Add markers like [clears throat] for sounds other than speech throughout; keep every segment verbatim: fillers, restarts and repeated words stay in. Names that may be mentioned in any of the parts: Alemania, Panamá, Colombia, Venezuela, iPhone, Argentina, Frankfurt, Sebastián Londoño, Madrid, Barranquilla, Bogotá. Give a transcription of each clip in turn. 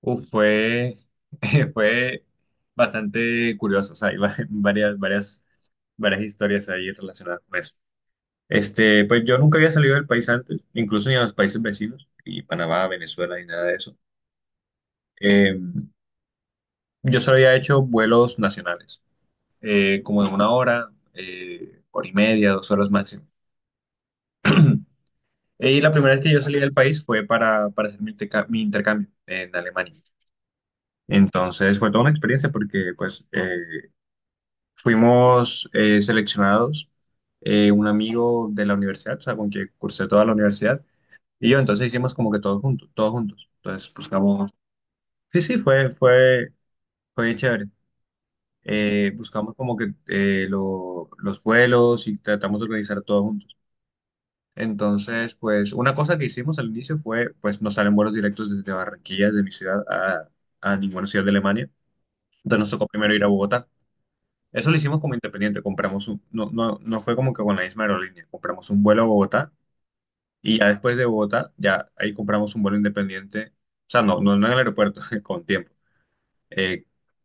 Uf, fue, [laughs] fue bastante curioso. O sea, hay va- [laughs] varias, varias, varias historias ahí relacionadas con eso. Este, pues yo nunca había salido del país antes, incluso ni a los países vecinos, y Panamá, Venezuela, ni nada de eso. Eh, yo solo había hecho vuelos nacionales, eh, como de una hora, eh, hora y media, dos horas máximo. Y la primera vez que yo salí del país fue para, para hacer mi, interca- mi intercambio en Alemania. Entonces fue toda una experiencia porque pues, eh, fuimos, eh, seleccionados, eh, un amigo de la universidad, o sea, con quien cursé toda la universidad, y yo. Entonces hicimos como que todos juntos, todos juntos. Entonces buscamos. Sí, sí, fue, fue, fue bien chévere. Eh, buscamos como que, eh, lo- los vuelos y tratamos de organizar todos juntos. Entonces, pues una cosa que hicimos al inicio fue, pues no salen vuelos directos desde Barranquilla, desde mi ciudad, a, a ninguna ciudad de Alemania. Entonces nos tocó primero ir a Bogotá. Eso lo hicimos como independiente. Compramos un, no, no, no, fue como que con la misma aerolínea. Compramos un vuelo a Bogotá y ya después de Bogotá, ya ahí compramos un vuelo independiente. O sea, no, no, no en el aeropuerto, [laughs] con tiempo. Eh,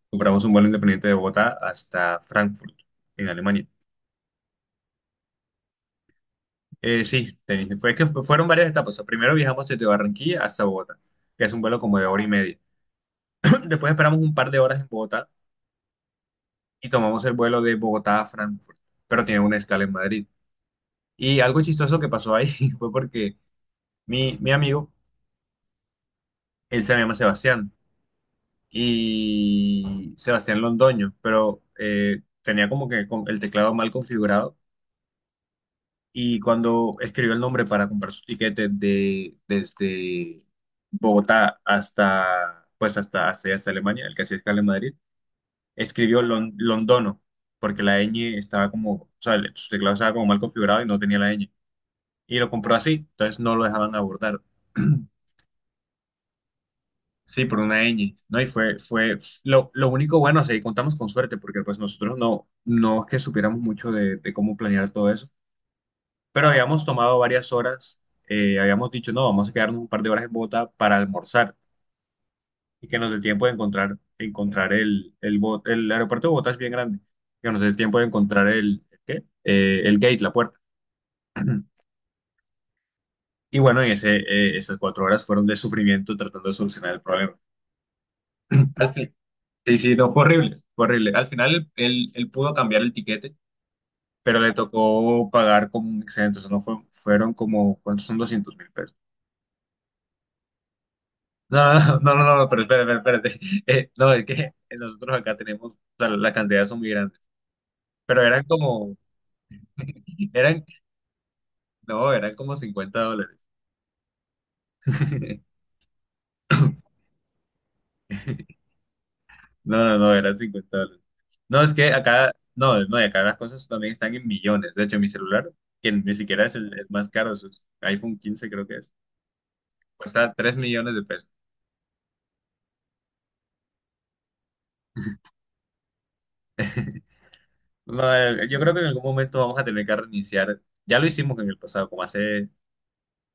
Compramos un vuelo independiente de Bogotá hasta Frankfurt, en Alemania. Eh, sí, te- fue que fu- fueron varias etapas. O sea, primero viajamos desde Barranquilla hasta Bogotá, que es un vuelo como de hora y media. [clears throat] Después esperamos un par de horas en Bogotá y tomamos el vuelo de Bogotá a Frankfurt, pero tiene una escala en Madrid. Y algo chistoso que pasó ahí [laughs] fue porque mi, mi amigo, él se llama Sebastián, y Sebastián Londoño, pero eh, tenía como que con- el teclado mal configurado y cuando escribió el nombre para comprar su tiquete de, desde Bogotá hasta, pues hasta, hasta, hasta Alemania, el que hacía escala en Madrid, escribió Lon- Londono, porque la ñ estaba como, o sea, el- su teclado estaba como mal configurado y no tenía la ñ. Y lo compró así, entonces no lo dejaban abordar. [clears throat] Sí, por una ñ. No, y fue, fue lo, lo único bueno. O sea, contamos con suerte, porque pues nosotros, no, no es que supiéramos mucho de, de cómo planear todo eso, pero habíamos tomado varias horas. Eh, habíamos dicho, no, vamos a quedarnos un par de horas en Bogotá para almorzar y que nos dé tiempo de encontrar, encontrar el, el, Bo- el aeropuerto de Bogotá es bien grande, que nos dé tiempo de encontrar el, ¿el ¿qué? Eh, ¿el gate, la puerta? [clears throat] Y bueno, en ese, eh, esas cuatro horas fueron de sufrimiento tratando de solucionar el problema. Sí, sí, no, fue horrible, fue horrible. Al final él, él- pudo cambiar el tiquete, pero le tocó pagar como un excedente, o sea, no fue- fueron como, ¿cuántos son doscientos mil pesos? No, no, no, no, no, no, pero espérate, espérate, espérate. [laughs] Eh, no, es que [laughs] nosotros acá tenemos, o sea, las cantidades son muy grandes, pero eran como, eran, no, eran como cincuenta dólares. [laughs] No, no, no, eran cincuenta dólares. No, es que acá, no, no, y acá las cosas también están en millones. De hecho, mi celular, que ni siquiera es el, el más caro, es iPhone quince, creo que es. Cuesta tres millones de pesos. No, eh, yo creo que en algún momento vamos a tener que reiniciar. Ya lo hicimos en el pasado, como hace,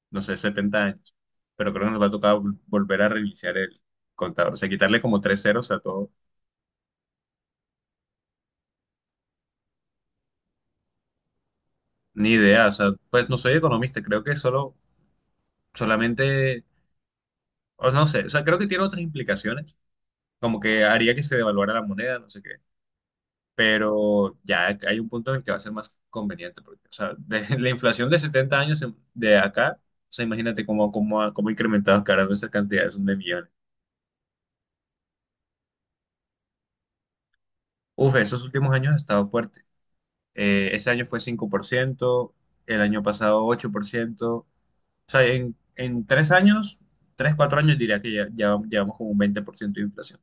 no sé, setenta años. Pero creo que nos va a tocar vol- volver a reiniciar el contador. O sea, quitarle como tres ceros a todo. Ni idea. O sea, pues no soy economista. Creo que solo, solamente, o no sé. O sea, creo que tiene otras implicaciones. Como que haría que se devaluara la moneda, no sé qué. Pero ya hay un punto en el que va a ser más conveniente, porque, o sea, de [laughs] la inflación de setenta años en- de acá. O sea, imagínate cómo, cómo, ha- cómo ha incrementado cada vez. Esa cantidad son de millones. Uf, esos últimos años ha estado fuerte. Eh, ese año fue cinco por ciento, el año pasado ocho por ciento, o sea, en en tres años, tres, cuatro años, diría que ya, ya llevamos como un veinte por ciento de inflación.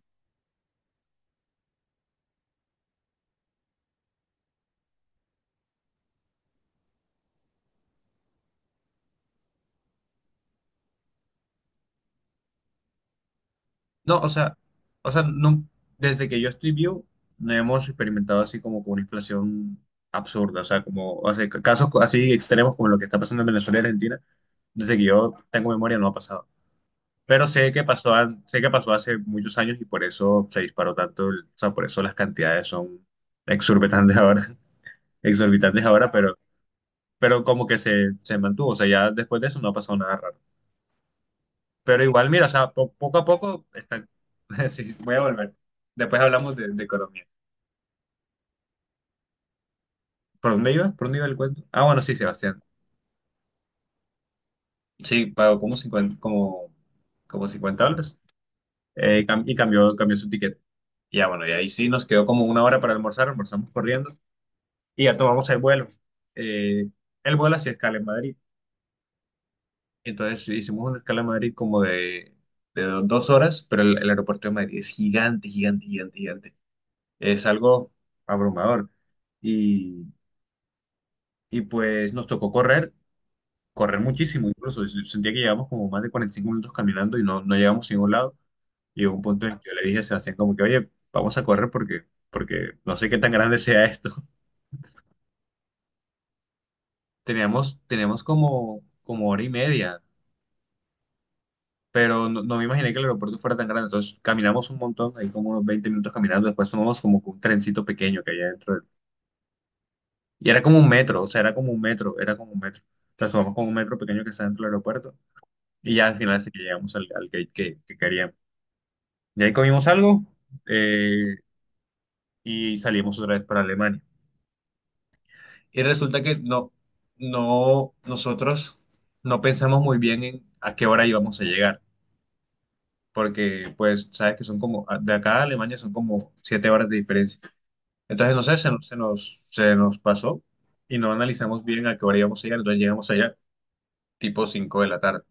No, o sea, o sea, no, desde que yo estoy vivo, no hemos experimentado así como con una inflación absurda. O sea, como, o sea, ca- casos co- así extremos como lo que está pasando en Venezuela y Argentina. Desde que yo tengo memoria no ha pasado. Pero sé que pasó, an- sé que pasó hace muchos años y por eso se disparó tanto, el- o sea, por eso las cantidades son exorbitantes ahora, [laughs] exorbitantes ahora. Pero, pero como que se, se mantuvo. O sea, ya después de eso no ha pasado nada raro. Pero igual, mira, o sea, po- poco a poco está... [laughs] Sí, voy a volver. Después hablamos de, de economía. ¿Por dónde iba? ¿Por dónde iba el cuento? Ah, bueno, sí, Sebastián. Sí, pagó como cincuenta como, como cincuenta dólares. Eh, cam- y cambió, cambió su ticket. Y ya, bueno, y ahí sí nos quedó como una hora para almorzar, almorzamos corriendo y ya tomamos el vuelo. Eh, el vuelo hacía escala en Madrid. Entonces hicimos una escala en Madrid como de, de do- dos horas, pero el, el aeropuerto de Madrid es gigante, gigante, gigante, gigante. Es algo abrumador. Y, y pues nos tocó correr, correr muchísimo, incluso yo sentía que llevamos como más de cuarenta y cinco minutos caminando y no, no llegamos a ningún lado. Y llegó un punto en el que yo le dije a Sebastián como que, oye, vamos a correr porque, porque no sé qué tan grande sea esto. [laughs] Teníamos, teníamos como, como hora y media, pero no, no me imaginé que el aeropuerto fuera tan grande. Entonces caminamos un montón, ahí como unos veinte minutos caminando, después tomamos como que un trencito pequeño que había dentro. Y era como un metro, o sea, era como un metro, era como un metro. O sea, somos como un metro pequeño que está dentro del aeropuerto, y ya al final sí que llegamos al, al gate que, que queríamos. Y ahí comimos algo, eh, y salimos otra vez para Alemania. Y resulta que no, no, nosotros no pensamos muy bien en a qué hora íbamos a llegar, porque pues sabes que son como, de acá a Alemania son como siete horas de diferencia. Entonces, no sé, se, nos, se nos se nos pasó y no analizamos bien a qué hora íbamos a llegar, entonces llegamos allá tipo cinco de la tarde.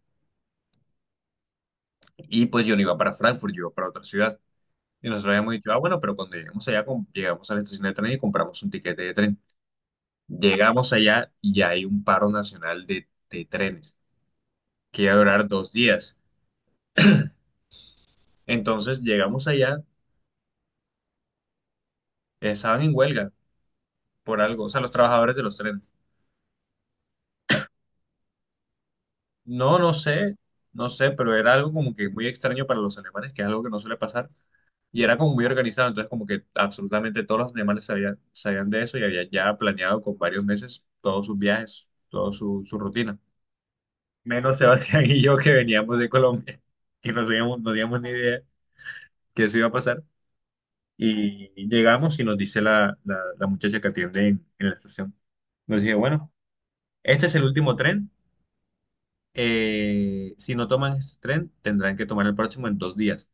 Y pues yo no iba para Frankfurt, yo iba para otra ciudad. Y nosotros habíamos dicho, ah, bueno, pero cuando lleguemos allá, com- llegamos a la estación de tren y compramos un tiquete de tren. Llegamos allá y ya hay un paro nacional de, de trenes que iba a durar dos días. Entonces llegamos allá, estaban en huelga por algo, o sea, los trabajadores de los trenes. No, no sé, no sé, pero era algo como que muy extraño para los alemanes, que es algo que no suele pasar. Y era como muy organizado, entonces como que absolutamente todos los animales sabían, sabían de eso, y había ya planeado con varios meses todos sus viajes, toda su, su rutina. Menos [laughs] Sebastián y yo, que veníamos de Colombia [laughs] y no teníamos, no teníamos ni idea que eso iba a pasar. Y llegamos y nos dice la, la, la muchacha que atiende en, en la estación. Nos dice, bueno, este es el último tren. Eh, si no toman este tren, tendrán que tomar el próximo en dos días.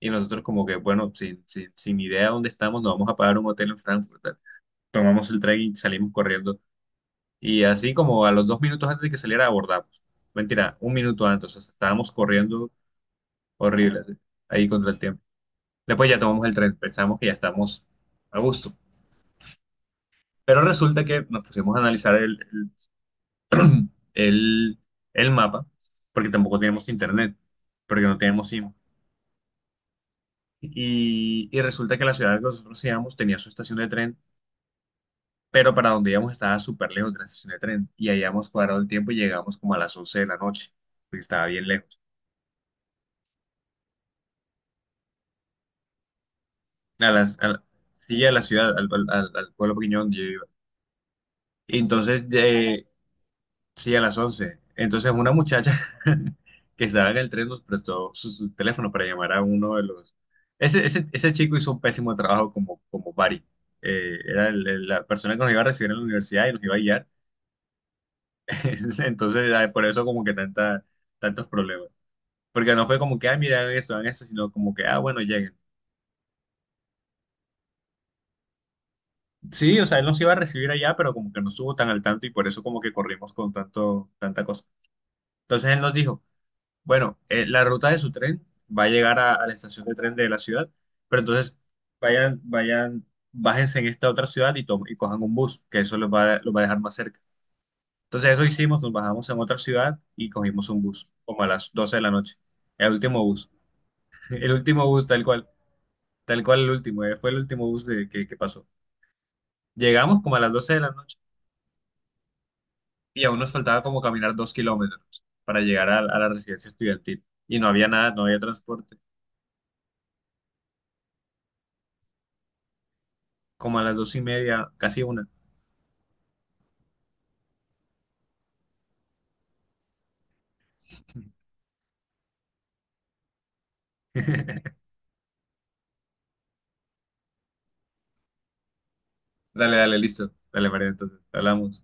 Y nosotros como que, bueno, sin, sin, sin idea de dónde estamos, nos vamos a pagar un hotel en Frankfurt. Tomamos el tren y salimos corriendo. Y así como a los dos minutos antes de que saliera, abordamos. Mentira, un minuto antes, o sea, estábamos corriendo horrible, así, ahí contra el tiempo. Después ya tomamos el tren, pensamos que ya estamos a gusto. Pero resulta que nos pusimos a analizar el, el, [clears throat] el- el mapa, porque tampoco teníamos internet, porque no teníamos SIM. Y, y resulta que la ciudad que nosotros íbamos tenía su estación de tren, pero para donde íbamos estaba súper lejos de la estación de tren, y habíamos cuadrado el tiempo y llegamos como a las once de la noche, porque estaba bien lejos, a las, a la- sí, a la ciudad, al, al- al- al pueblo pequeño donde yo iba. Y entonces, de, sí, a las once. Entonces una muchacha [laughs] que estaba en el tren nos prestó su, su teléfono para llamar a uno de los... Ese, ese, ese chico hizo un pésimo trabajo como, como Bari. Eh, era el- el- la persona que nos iba a recibir en la universidad y nos iba a guiar. [laughs] Entonces, ah, por eso como que tanta, tantos problemas. Porque no fue como que, ah, mira, hagan esto, hagan esto, sino como que, ah, bueno, lleguen. Sí, o sea, él nos iba a recibir allá, pero como que no estuvo tan al tanto y por eso como que corrimos con tanto, tanta cosa. Entonces él nos dijo, bueno, eh, la ruta de su tren va a llegar a, a la estación de tren de la ciudad, pero entonces vayan, vayan, bájense en esta otra ciudad y, tomen- y cojan un bus, que eso los va, a- los va a dejar más cerca. Entonces eso hicimos, nos bajamos en otra ciudad y cogimos un bus, como a las doce de la noche, el último bus, [laughs] el último bus tal cual. Tal cual el último. eh, Fue el último bus de, que, que pasó. Llegamos como a las doce de la noche y aún nos faltaba como caminar dos kilómetros para llegar a, a la residencia estudiantil. Y no había nada, no había transporte. Como a las dos y media, casi una. [laughs] Dale, dale, listo. Dale, María, entonces, hablamos.